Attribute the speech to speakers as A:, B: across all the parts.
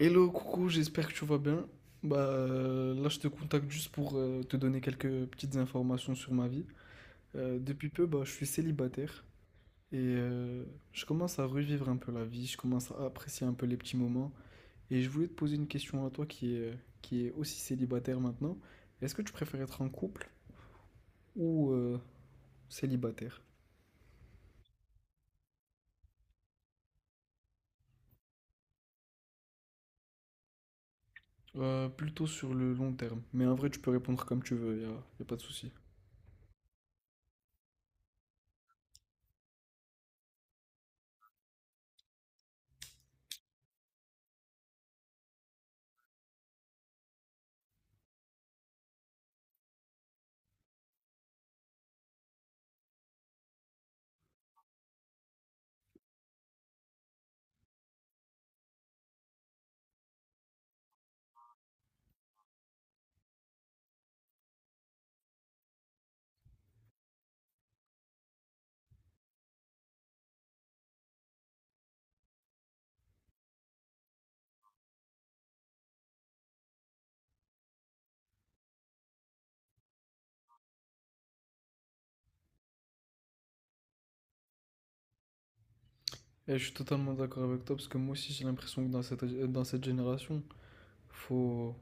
A: Hello, coucou, j'espère que tu vas bien. Là, je te contacte juste pour te donner quelques petites informations sur ma vie. Depuis peu, bah, je suis célibataire et je commence à revivre un peu la vie, je commence à apprécier un peu les petits moments. Et je voulais te poser une question à toi qui est aussi célibataire maintenant. Est-ce que tu préfères être en couple ou célibataire? Plutôt sur le long terme. Mais en vrai, tu peux répondre comme tu veux, y a pas de souci. Et je suis totalement d'accord avec toi parce que moi aussi j'ai l'impression que dans cette génération, Faut,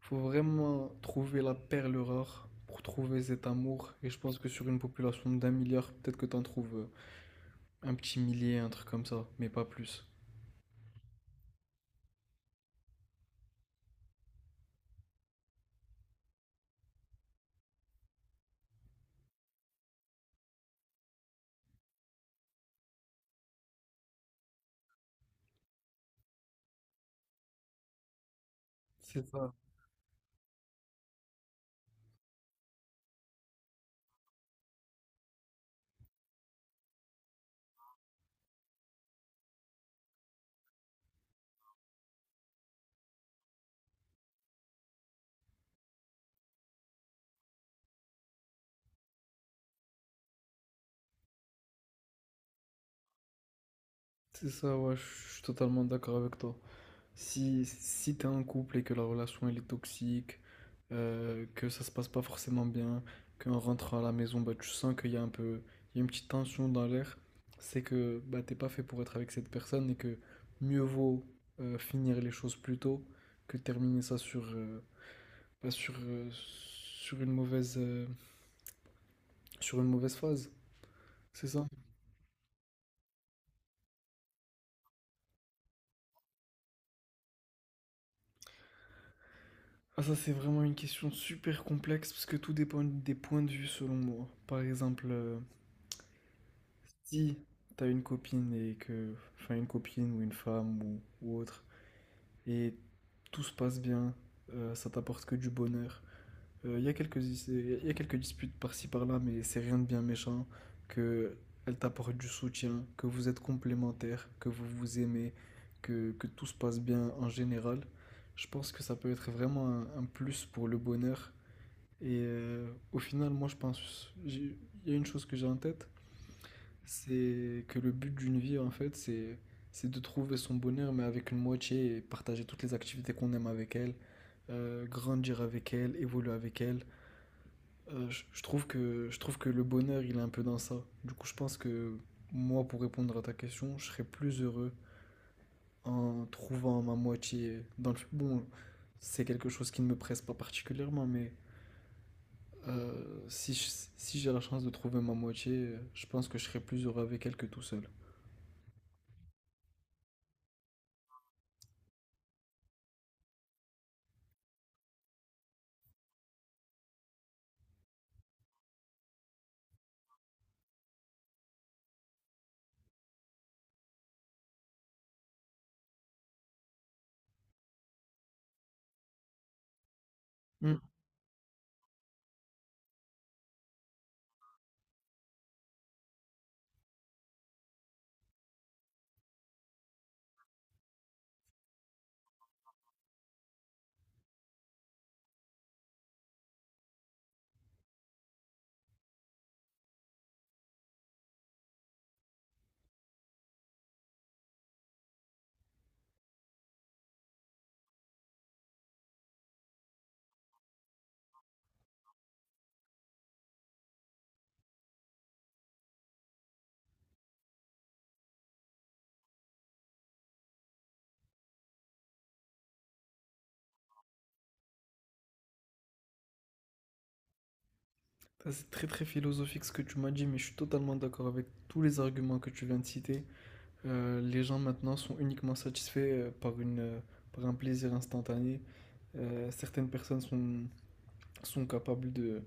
A: faut vraiment trouver la perle rare pour trouver cet amour. Et je pense que sur une population d'1 milliard, peut-être que t'en trouves un petit millier, un truc comme ça, mais pas plus. C'est ça. C'est ça, ouais, je suis totalement d'accord avec toi. Si t'es en couple et que la relation elle est toxique, que ça se passe pas forcément bien, qu'en rentrant à la maison, bah, tu sens qu'il y a un peu, il y a une petite tension dans l'air, c'est que bah, t'es pas fait pour être avec cette personne et que mieux vaut finir les choses plus tôt que terminer ça sur une sur une mauvaise phase. C'est ça? Ah, ça, c'est vraiment une question super complexe parce que tout dépend des points de vue selon moi. Par exemple, si t'as une copine et enfin une copine ou une femme ou autre, et tout se passe bien, ça t'apporte que du bonheur. Il y a quelques disputes par-ci par-là, mais c'est rien de bien méchant, que elle t'apporte du soutien, que vous êtes complémentaires, que vous vous aimez, que tout se passe bien en général. Je pense que ça peut être vraiment un plus pour le bonheur. Et au final, moi je pense, j'ai- il y a une chose que j'ai en tête, c'est que le but d'une vie, en fait, c'est de trouver son bonheur, mais avec une moitié et partager toutes les activités qu'on aime avec elle, grandir avec elle, évoluer avec elle. Je trouve je trouve que le bonheur, il est un peu dans ça. Du coup, je pense que moi, pour répondre à ta question, je serais plus heureux en trouvant ma moitié dans le... Bon, c'est quelque chose qui ne me presse pas particulièrement, mais euh, si je- si j'ai la chance de trouver ma moitié, je pense que je serais plus heureux avec elle que tout seul. Hmm. Ça, c'est très très philosophique ce que tu m'as dit, mais je suis totalement d'accord avec tous les arguments que tu viens de citer. Les gens maintenant sont uniquement satisfaits euh, par une, euh, par un plaisir instantané. Certaines personnes sont capables de,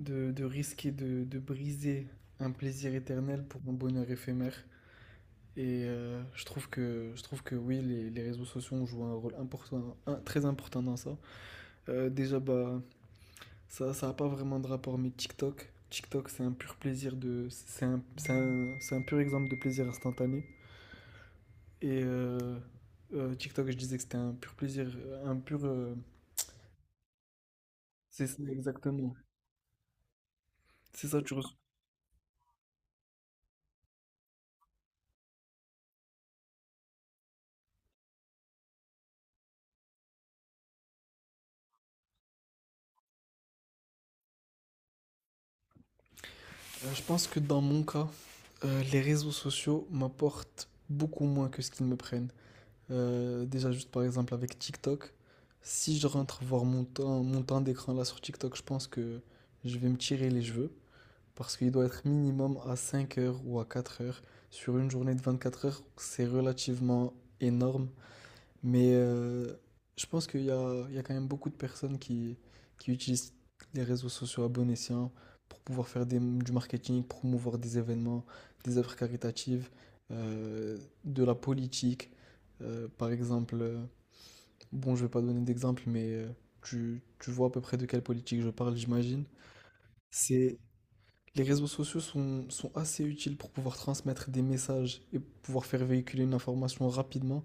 A: de, de risquer de briser un plaisir éternel pour un bonheur éphémère. Et je trouve que oui, les réseaux sociaux ont joué un rôle important, très important dans ça. Euh, déjà, bah, Ça, ça a pas vraiment de rapport, mais TikTok, c'est un pur plaisir de, c'est un, c'est un- c'est un pur exemple de plaisir instantané. Et euh, TikTok, je disais que c'était un pur plaisir, un pur, euh, c'est ça exactement. C'est ça, tu reçois. Je pense que dans mon cas, les réseaux sociaux m'apportent beaucoup moins que ce qu'ils me prennent. Déjà, juste par exemple avec TikTok, si je rentre voir mon temps d'écran là sur TikTok, je pense que je vais me tirer les cheveux, parce qu'il doit être minimum à 5 heures ou à 4 heures. Sur une journée de 24 heures, c'est relativement énorme, mais je pense qu'il y a quand même beaucoup de personnes qui utilisent les réseaux sociaux à bon escient pour pouvoir faire du marketing, promouvoir des événements, des œuvres caritatives, euh, de la politique. Euh, par exemple, euh, bon, je ne vais pas donner d'exemple, mais tu vois à peu près de quelle politique je parle, j'imagine. C'est les réseaux sociaux sont assez utiles pour pouvoir transmettre des messages et pouvoir faire véhiculer une information rapidement,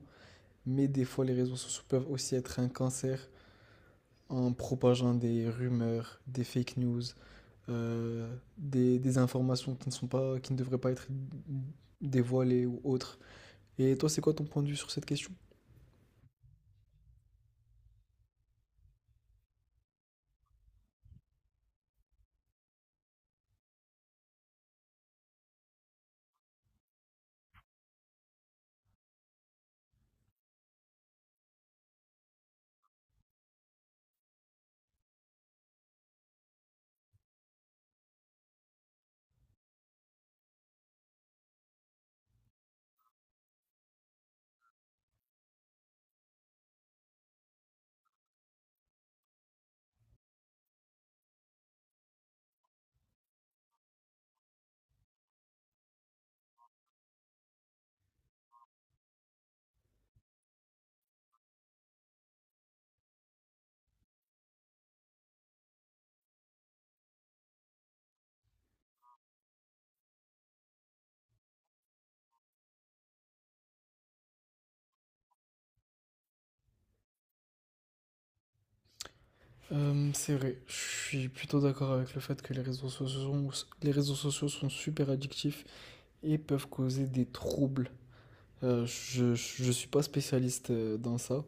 A: mais des fois les réseaux sociaux peuvent aussi être un cancer en propageant des rumeurs, des fake news, des informations qui ne sont pas, qui ne devraient pas être dévoilées ou autres. Et toi, c'est quoi ton point de vue sur cette question? C'est vrai, je suis plutôt d'accord avec le fait que les réseaux sociaux sont super addictifs et peuvent causer des troubles. Je suis pas spécialiste dans ça,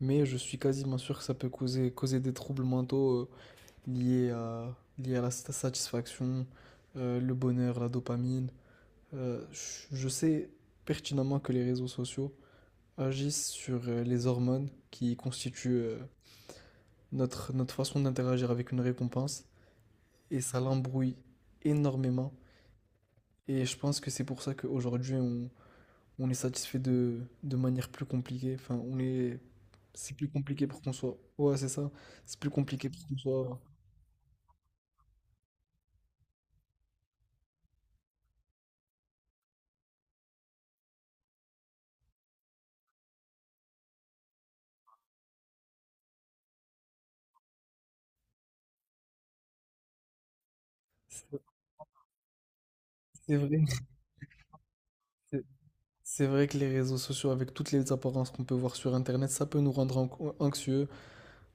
A: mais je suis quasiment sûr que ça peut causer des troubles mentaux liés à la satisfaction, le bonheur, la dopamine. Je sais pertinemment que les réseaux sociaux agissent sur les hormones qui constituent notre façon d'interagir avec une récompense, et ça l'embrouille énormément. Et je pense que c'est pour ça qu'aujourd'hui, on est satisfait de manière plus compliquée. Enfin, on est... C'est plus compliqué pour qu'on soit ouais, c'est ça. C'est plus compliqué pour qu'on soit... c'est c'est vrai c'est c'est vrai que les réseaux sociaux, avec toutes les apparences qu'on peut voir sur Internet, ça peut nous rendre anxieux.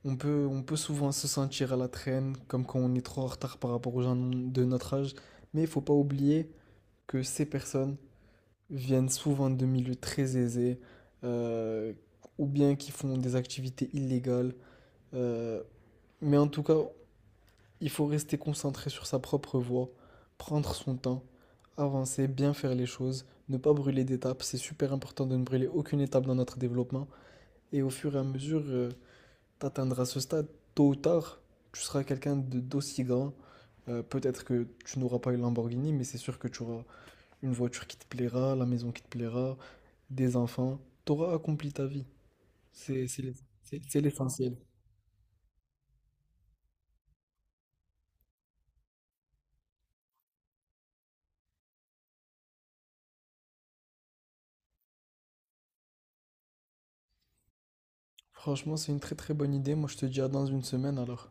A: On peut souvent se sentir à la traîne, comme quand on est trop en retard par rapport aux gens de notre âge. Mais il faut pas oublier que ces personnes viennent souvent de milieux très aisés, euh, ou bien qui font des activités illégales. euh, mais en tout cas, il faut rester concentré sur sa propre voie, prendre son temps, avancer, bien faire les choses, ne pas brûler d'étapes. C'est super important de ne brûler aucune étape dans notre développement. Et au fur et à mesure, tu atteindras ce stade, tôt ou tard, tu seras quelqu'un d'aussi grand. Peut-être que tu n'auras pas une Lamborghini, mais c'est sûr que tu auras une voiture qui te plaira, la maison qui te plaira, des enfants. Tu auras accompli ta vie. C'est c'est l'es- c'est l'essentiel. Franchement, c'est une très très bonne idée. Moi, je te dis à dans une semaine alors.